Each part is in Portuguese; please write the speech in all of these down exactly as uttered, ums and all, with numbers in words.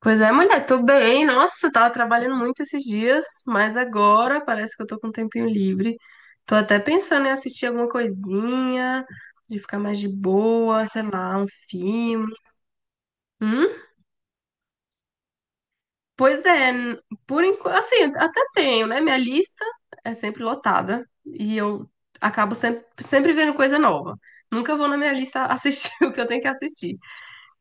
Pois é, mulher, tô bem. Nossa, tava trabalhando muito esses dias, mas agora parece que eu tô com um tempinho livre. Tô até pensando em assistir alguma coisinha, de ficar mais de boa, sei lá, um filme. Hum? Pois é, n- por enquanto, assim, até tenho, né? Minha lista é sempre lotada e eu acabo sempre, sempre vendo coisa nova. Nunca vou na minha lista assistir o que eu tenho que assistir.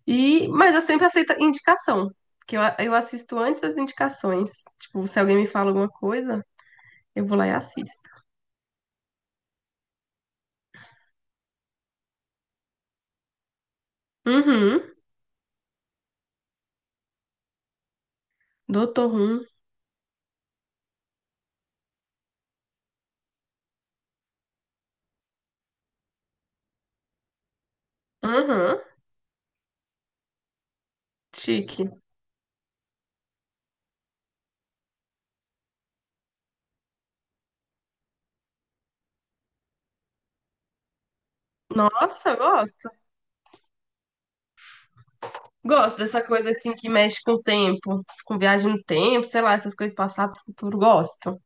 E, mas eu sempre aceito indicação, que eu, eu assisto antes as indicações. Tipo, se alguém me fala alguma coisa, eu vou lá e assisto. Uhum. Doutor Who. Uhum, chique. Nossa, eu gosto. Gosto dessa coisa assim que mexe com o tempo, com viagem no tempo, sei lá, essas coisas passado, futuro, gosto.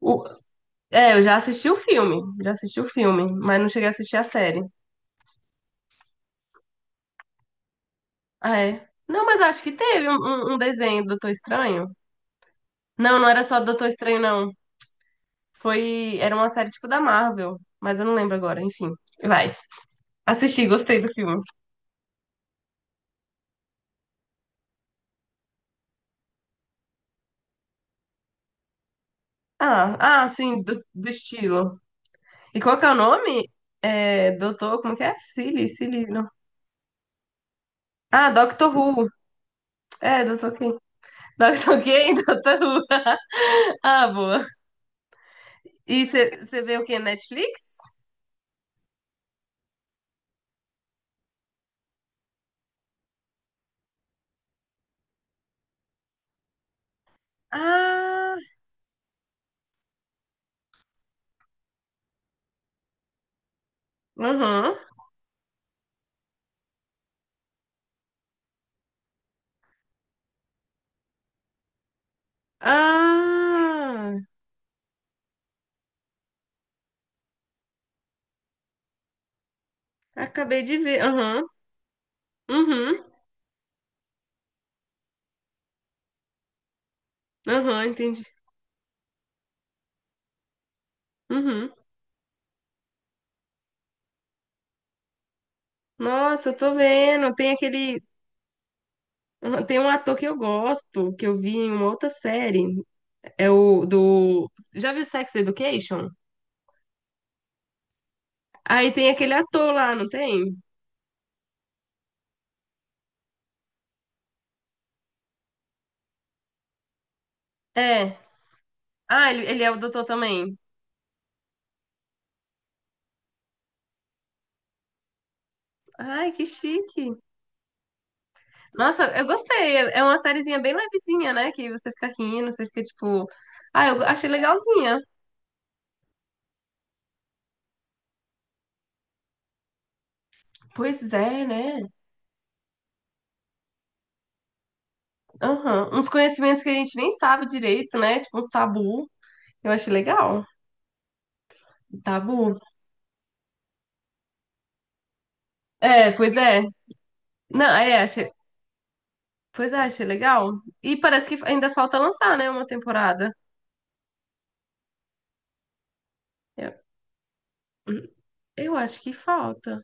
O- é, eu já assisti o filme, já assisti o filme, mas não cheguei a assistir a série. Ah, é. Não, mas acho que teve um, um um desenho do Doutor Estranho. Não, não era só do Doutor Estranho, não. Foi, era uma série tipo da Marvel, mas eu não lembro agora, enfim. Vai. Assisti, gostei do filme. Ah, ah, sim, do, do estilo. E qual que é o nome? É, Doutor, como que é? Silly, Silly, não. Ah, Doctor Who. É, Doutor quem? Doctor quem? Doctor Who. Ah, boa. E você vê o quê? Netflix? Ah, uhum. Ah, acabei de ver. Aham, uhum, uhum, aham, entendi. Uhum. Nossa, eu tô vendo. Tem aquele. Aham. Tem um ator que eu gosto, que eu vi em uma outra série. É o do. Já viu Sex Education? Aí tem aquele ator lá, não tem? É. Ah, ele, ele é o doutor também. Ai, que chique. Nossa, eu gostei. É uma sériezinha bem levezinha, né? Que você fica rindo, você fica tipo. Ah, eu achei legalzinha. Pois é, né? Aham. Uns conhecimentos que a gente nem sabe direito, né? Tipo uns tabu. Eu achei legal. Tabu. É, pois é. Não, é, achei. Pois é, achei legal. E parece que ainda falta lançar, né? Uma temporada. Eu, eu acho que falta.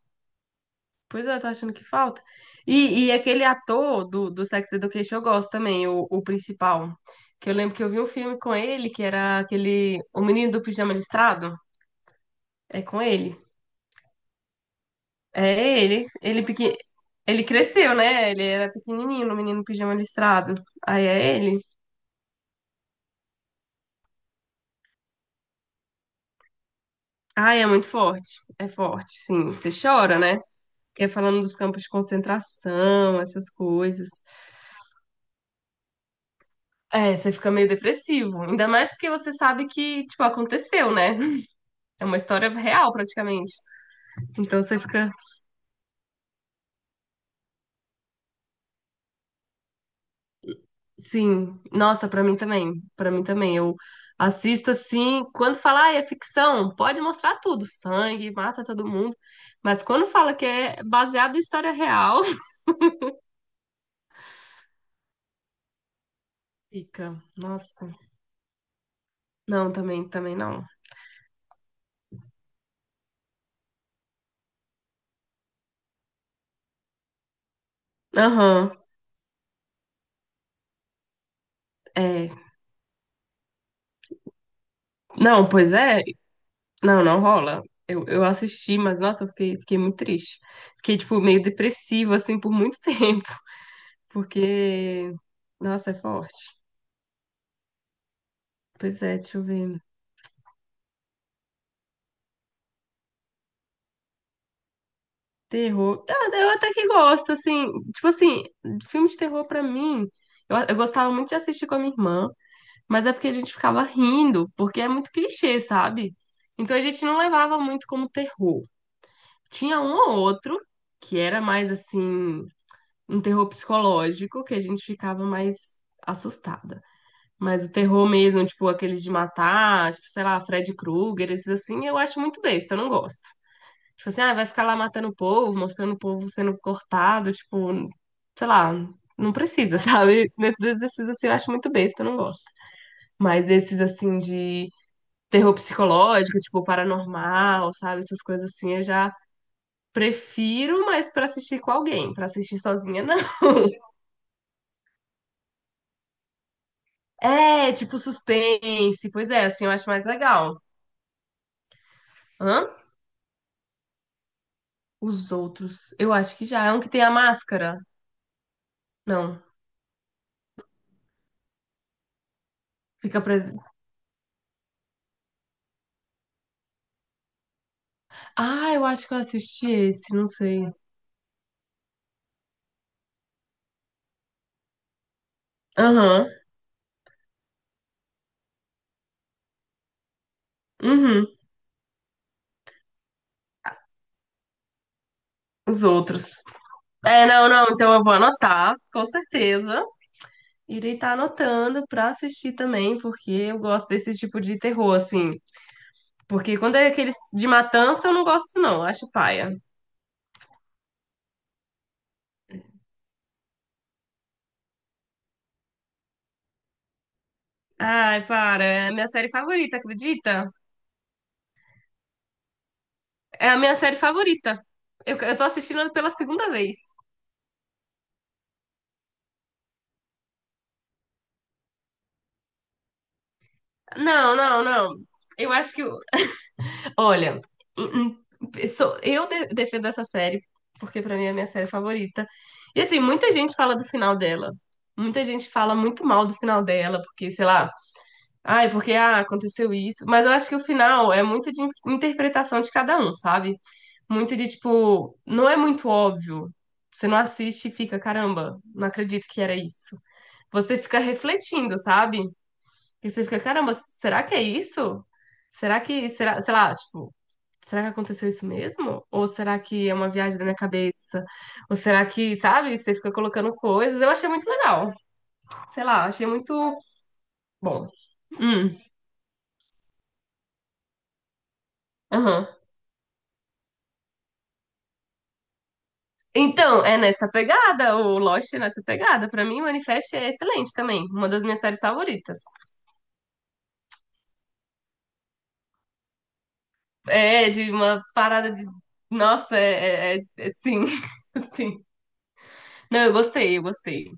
Pois é, eu tô achando que falta. E, e aquele ator do, do Sex Education eu gosto também, o, o principal. Que eu lembro que eu vi um filme com ele, que era aquele. O Menino do Pijama Listrado. É com ele. É ele. Ele, pequen... ele cresceu, né? Ele era pequenininho, o Menino do Pijama Listrado. Aí é ele. Ai, é muito forte. É forte, sim. Você chora, né? Que é falando dos campos de concentração, essas coisas. É, você fica meio depressivo. Ainda mais porque você sabe que, tipo, aconteceu, né? É uma história real, praticamente. Então você fica, sim. Nossa, pra mim também. Pra mim também. Eu assisto assim. Quando fala, ah, é ficção, pode mostrar tudo. Sangue, mata todo mundo. Mas quando fala que é baseado em história real, fica. Nossa. Não, também, também não. Aham. É. Não, pois é. Não, não rola. Eu, eu assisti, mas nossa, eu fiquei, fiquei muito triste. Fiquei, tipo, meio depressiva, assim, por muito tempo. Porque, nossa, é forte. Pois é, deixa eu ver. Terror. Eu, eu até que gosto, assim. Tipo assim, filme de terror pra mim. Eu, eu gostava muito de assistir com a minha irmã, mas é porque a gente ficava rindo, porque é muito clichê, sabe? Então a gente não levava muito como terror. Tinha um ou outro que era mais assim. Um terror psicológico que a gente ficava mais assustada. Mas o terror mesmo, tipo, aqueles de matar, tipo, sei lá, Fred Krueger, esses assim, eu acho muito besta, eu não gosto. Tipo assim, ah, vai ficar lá matando o povo, mostrando o povo sendo cortado, tipo, sei lá, não precisa, sabe? Nesses exercícios assim eu acho muito besta, eu não gosto. Mas esses assim de terror psicológico, tipo, paranormal, sabe? Essas coisas assim, eu já prefiro, mas pra assistir com alguém, pra assistir sozinha, não. É, tipo suspense. Pois é, assim eu acho mais legal. Hã? Os outros. Eu acho que já. É um que tem a máscara. Não. Fica preso. Ah, eu acho que eu assisti esse, não sei. Aham. Uhum. Os outros. É, não, não. Então eu vou anotar, com certeza. Irei estar anotando pra assistir também, porque eu gosto desse tipo de terror, assim. Porque quando é aqueles de matança, eu não gosto, não. Acho paia. Ai, para. É a minha série favorita, acredita? É a minha série favorita. Eu, eu tô assistindo ela pela segunda vez. Não, não, não. Eu acho que. o- Olha, em- em- sou- eu de- defendo essa série, porque pra mim é a minha série favorita. E assim, muita gente fala do final dela. Muita gente fala muito mal do final dela, porque, sei lá, ai, porque ah, aconteceu isso. Mas eu acho que o final é muito de interpretação de cada um, sabe? Muito de tipo, não é muito óbvio. Você não assiste e fica, caramba, não acredito que era isso. Você fica refletindo, sabe? E você fica, caramba, será que é isso? Será que, será, sei lá, tipo, será que aconteceu isso mesmo? Ou será que é uma viagem da minha cabeça? Ou será que, sabe, você fica colocando coisas? Eu achei muito legal. Sei lá, achei muito bom. Hum, aham. Então, é nessa pegada, o Lost é nessa pegada. Pra mim, o Manifest é excelente também. Uma das minhas séries favoritas. É, de uma parada de. Nossa, é, é, é- é- sim, sim. Não, eu gostei, eu gostei.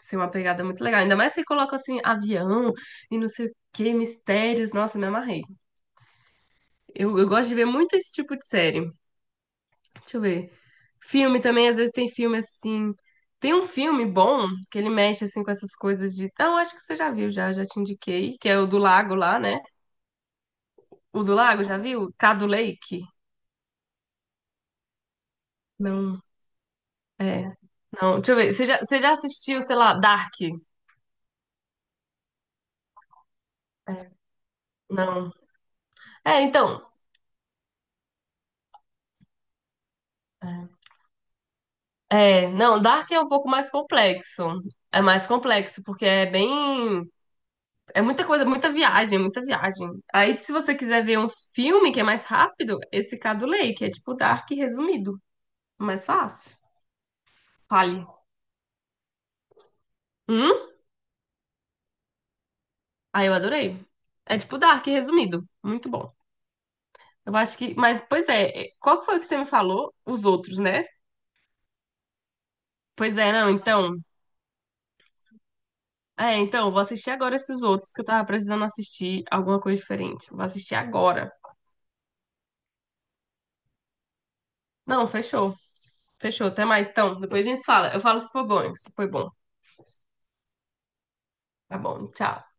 Assim, uma pegada muito legal. Ainda mais que coloca assim, avião e não sei o que, mistérios. Nossa, me amarrei. Eu, eu gosto de ver muito esse tipo de série. Deixa eu ver. Filme também, às vezes tem filme assim. Tem um filme bom que ele mexe assim com essas coisas de. Não, acho que você já viu, já, já te indiquei, que é o do lago lá, né? O do lago, já viu? Cadu Lake? Não, é. Não, deixa eu ver. Você já, você já assistiu, sei lá, Dark? É, não. É, então. É. É, não, Dark é um pouco mais complexo. É mais complexo, porque é bem. É muita coisa, muita viagem, muita viagem. Aí, se você quiser ver um filme que é mais rápido, esse Cadulei, que é tipo Dark resumido. Mais fácil. Fale. Hum? Aí eu adorei. É tipo Dark resumido. Muito bom. Eu acho que. Mas, pois é, é, qual que foi que você me falou? Os outros, né? Pois é, não, então. É, então, vou assistir agora esses outros que eu tava precisando assistir alguma coisa diferente. Vou assistir agora. Não, fechou. Fechou, até mais. Então, depois a gente fala. Eu falo se for bom, se foi bom. Tá bom, tchau.